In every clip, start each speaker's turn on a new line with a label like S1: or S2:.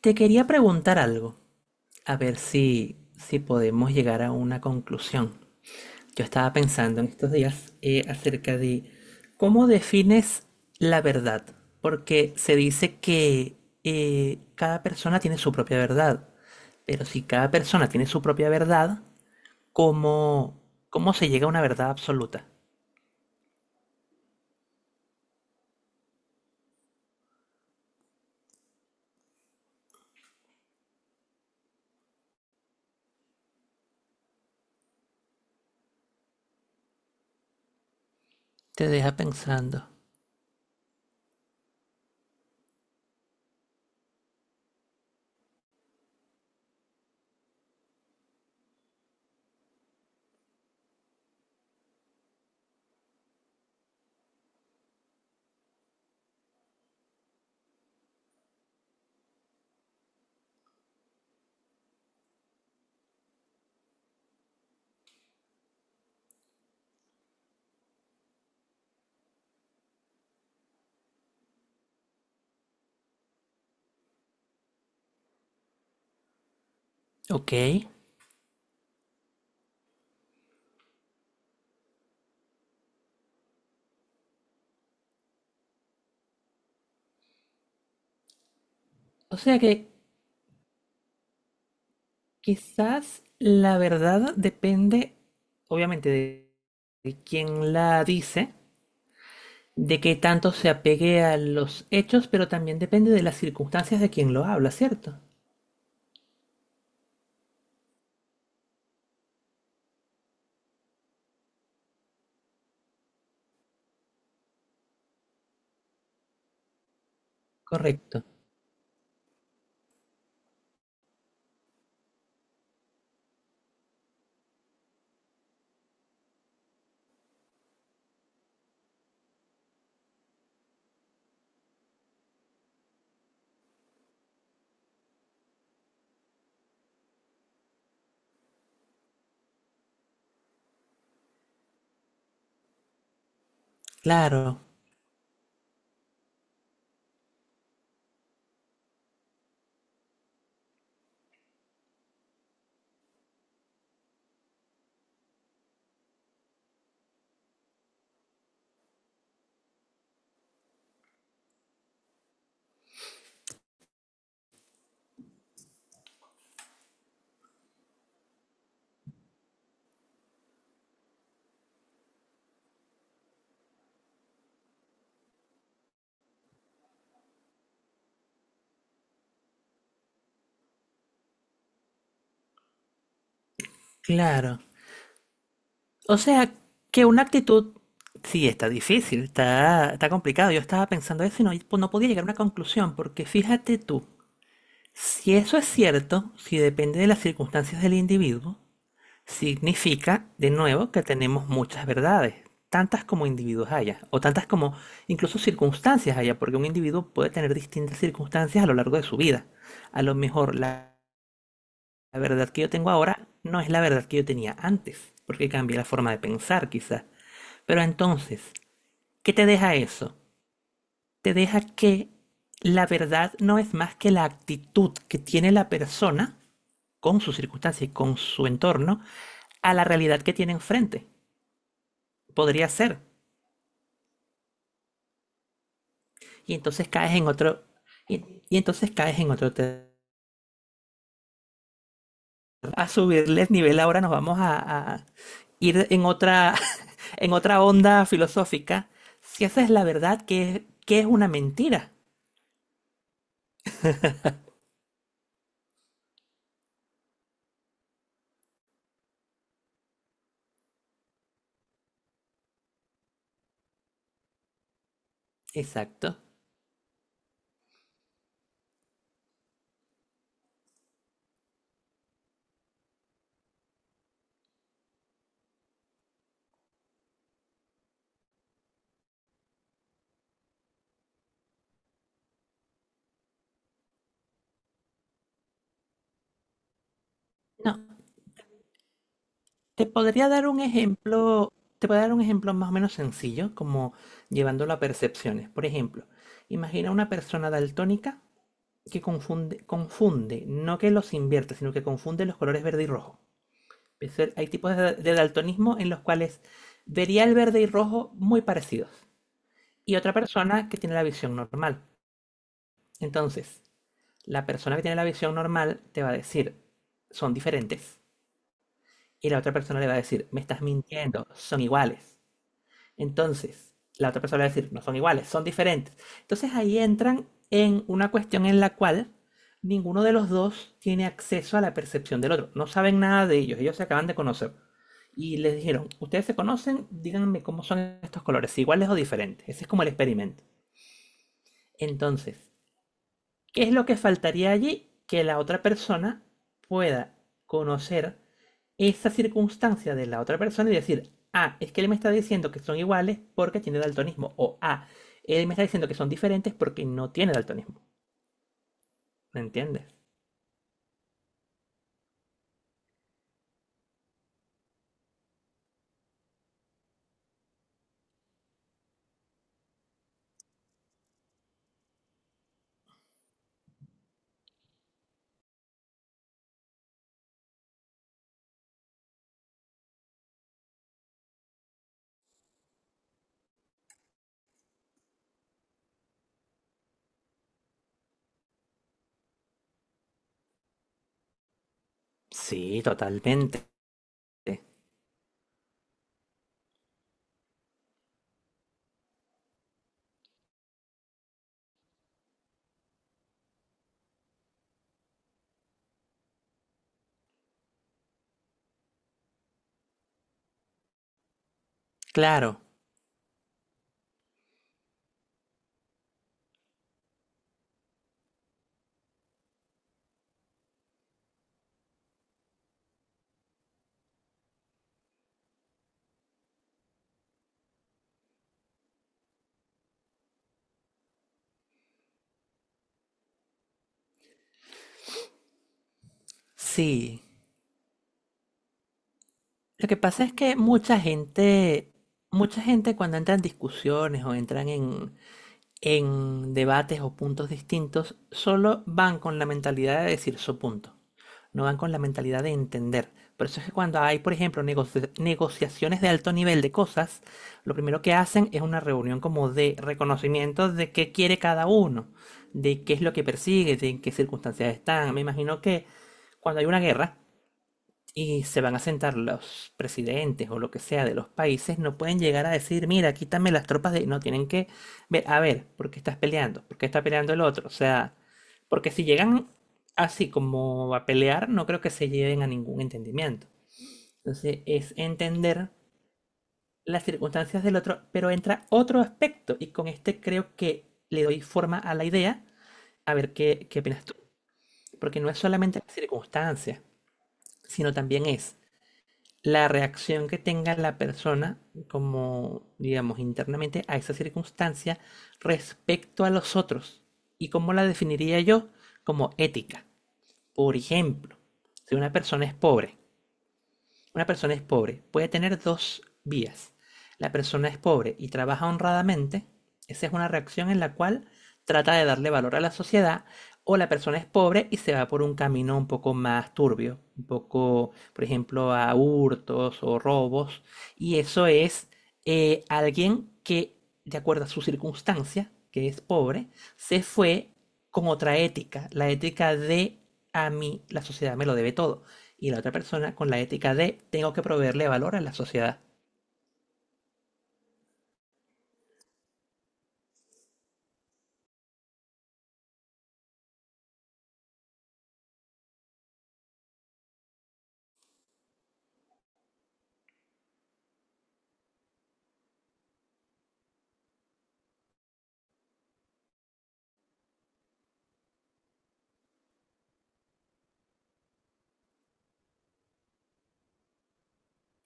S1: Te quería preguntar algo, a ver si podemos llegar a una conclusión. Yo estaba pensando en estos días acerca de cómo defines la verdad, porque se dice que cada persona tiene su propia verdad, pero si cada persona tiene su propia verdad, ¿cómo, cómo se llega a una verdad absoluta? Te deja pensando. ¿Ok? O sea que quizás la verdad depende, obviamente, de quién la dice, de qué tanto se apegue a los hechos, pero también depende de las circunstancias de quien lo habla, ¿cierto? Correcto. Claro, claro. O sea, que una actitud, sí, está difícil, está complicado. Yo estaba pensando eso y no podía llegar a una conclusión, porque fíjate tú, si eso es cierto, si depende de las circunstancias del individuo, significa, de nuevo, que tenemos muchas verdades, tantas como individuos haya, o tantas como incluso circunstancias haya, porque un individuo puede tener distintas circunstancias a lo largo de su vida. A lo mejor la, La verdad que yo tengo ahora no es la verdad que yo tenía antes, porque cambié la forma de pensar quizás. Pero entonces, ¿qué te deja eso? Te deja que la verdad no es más que la actitud que tiene la persona con su circunstancia y con su entorno a la realidad que tiene enfrente. Podría ser, y entonces caes en otro, y, y entonces caes en otro terreno. A subirles nivel ahora nos vamos a ir en otra, en otra onda filosófica. Si esa es la verdad, ¿ qué es una mentira? Exacto. No, te podría dar un ejemplo, te podría dar un ejemplo más o menos sencillo, como llevándolo a percepciones. Por ejemplo, imagina una persona daltónica que confunde, no que los invierte, sino que confunde los colores verde y rojo. Es el- hay tipos de daltonismo en los cuales vería el verde y rojo muy parecidos. Y otra persona que tiene la visión normal. Entonces, la persona que tiene la visión normal te va a decir, son diferentes. Y la otra persona le va a decir, me estás mintiendo, son iguales. Entonces, la otra persona le va a decir, no son iguales, son diferentes. Entonces ahí entran en una cuestión en la cual ninguno de los dos tiene acceso a la percepción del otro. No saben nada de ellos, ellos se acaban de conocer. Y les dijeron, ustedes se conocen, díganme cómo son estos colores, si iguales o diferentes. Ese es como el experimento. Entonces, ¿qué es lo que faltaría allí? Que la otra persona pueda conocer esa circunstancia de la otra persona y decir, ah, es que él me está diciendo que son iguales porque tiene daltonismo. O ah, él me está diciendo que son diferentes porque no tiene daltonismo. ¿Me entiendes? Sí, totalmente. Claro, sí. Lo que pasa es que mucha gente cuando entra en discusiones o entran en debates o puntos distintos, solo van con la mentalidad de decir su punto. No van con la mentalidad de entender. Por eso es que cuando hay, por ejemplo, negoci- negociaciones de alto nivel de cosas, lo primero que hacen es una reunión como de reconocimiento de qué quiere cada uno, de qué es lo que persigue, de en qué circunstancias están. Me imagino que cuando hay una guerra, y se van a sentar los presidentes o lo que sea de los países, no pueden llegar a decir, mira, quítame las tropas de... No, tienen que ver, a ver, ¿por qué estás peleando? ¿Por qué está peleando el otro? O sea, porque si llegan así como a pelear, no creo que se lleven a ningún entendimiento. Entonces es entender las circunstancias del otro, pero entra otro aspecto y con este creo que le doy forma a la idea, a ver qué opinas tú. Porque no es solamente las circunstancias, sino también es la reacción que tenga la persona, como digamos internamente, a esa circunstancia respecto a los otros. ¿Y cómo la definiría yo? Como ética. Por ejemplo, si una persona es pobre una persona es pobre, puede tener dos vías. La persona es pobre y trabaja honradamente, esa es una reacción en la cual trata de darle valor a la sociedad, o la persona es pobre y se va por un camino un poco más turbio, un poco, por ejemplo, a hurtos o robos, y eso es alguien que, de acuerdo a su circunstancia, que es pobre, se fue con otra ética, la ética de a mí la sociedad me lo debe todo y la otra persona con la ética de tengo que proveerle valor a la sociedad.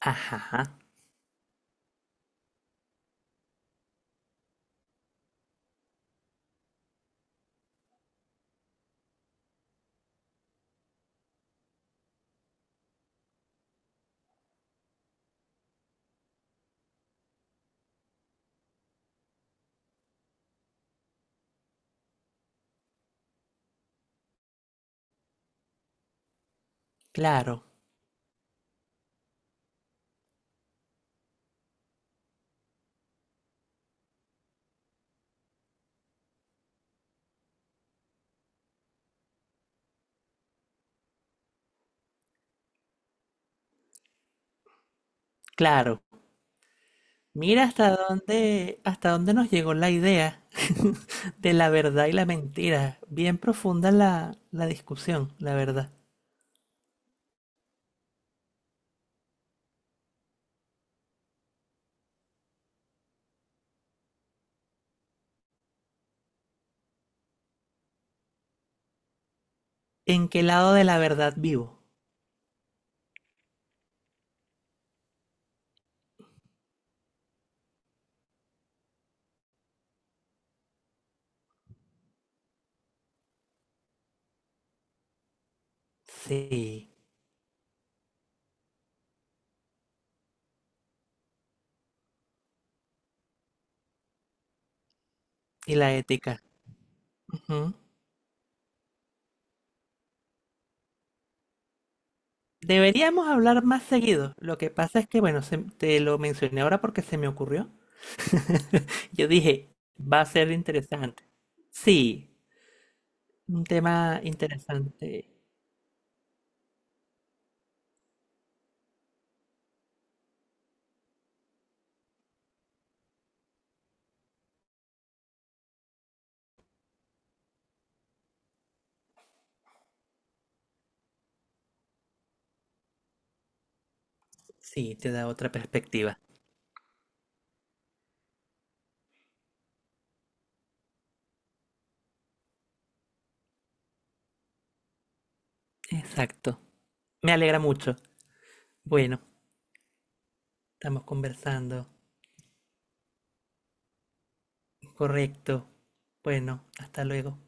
S1: Ajá, claro, claro. Mira hasta dónde nos llegó la idea de la verdad y la mentira. Bien profunda la discusión, la verdad. ¿En qué lado de la verdad vivo? Sí, y la ética. Ujú. Deberíamos hablar más seguido. Lo que pasa es que, bueno, se- te lo mencioné ahora porque se me ocurrió. Yo dije, va a ser interesante. Sí, un tema interesante. Sí, te da otra perspectiva. Exacto. Me alegra mucho. Bueno, estamos conversando. Correcto. Bueno, hasta luego.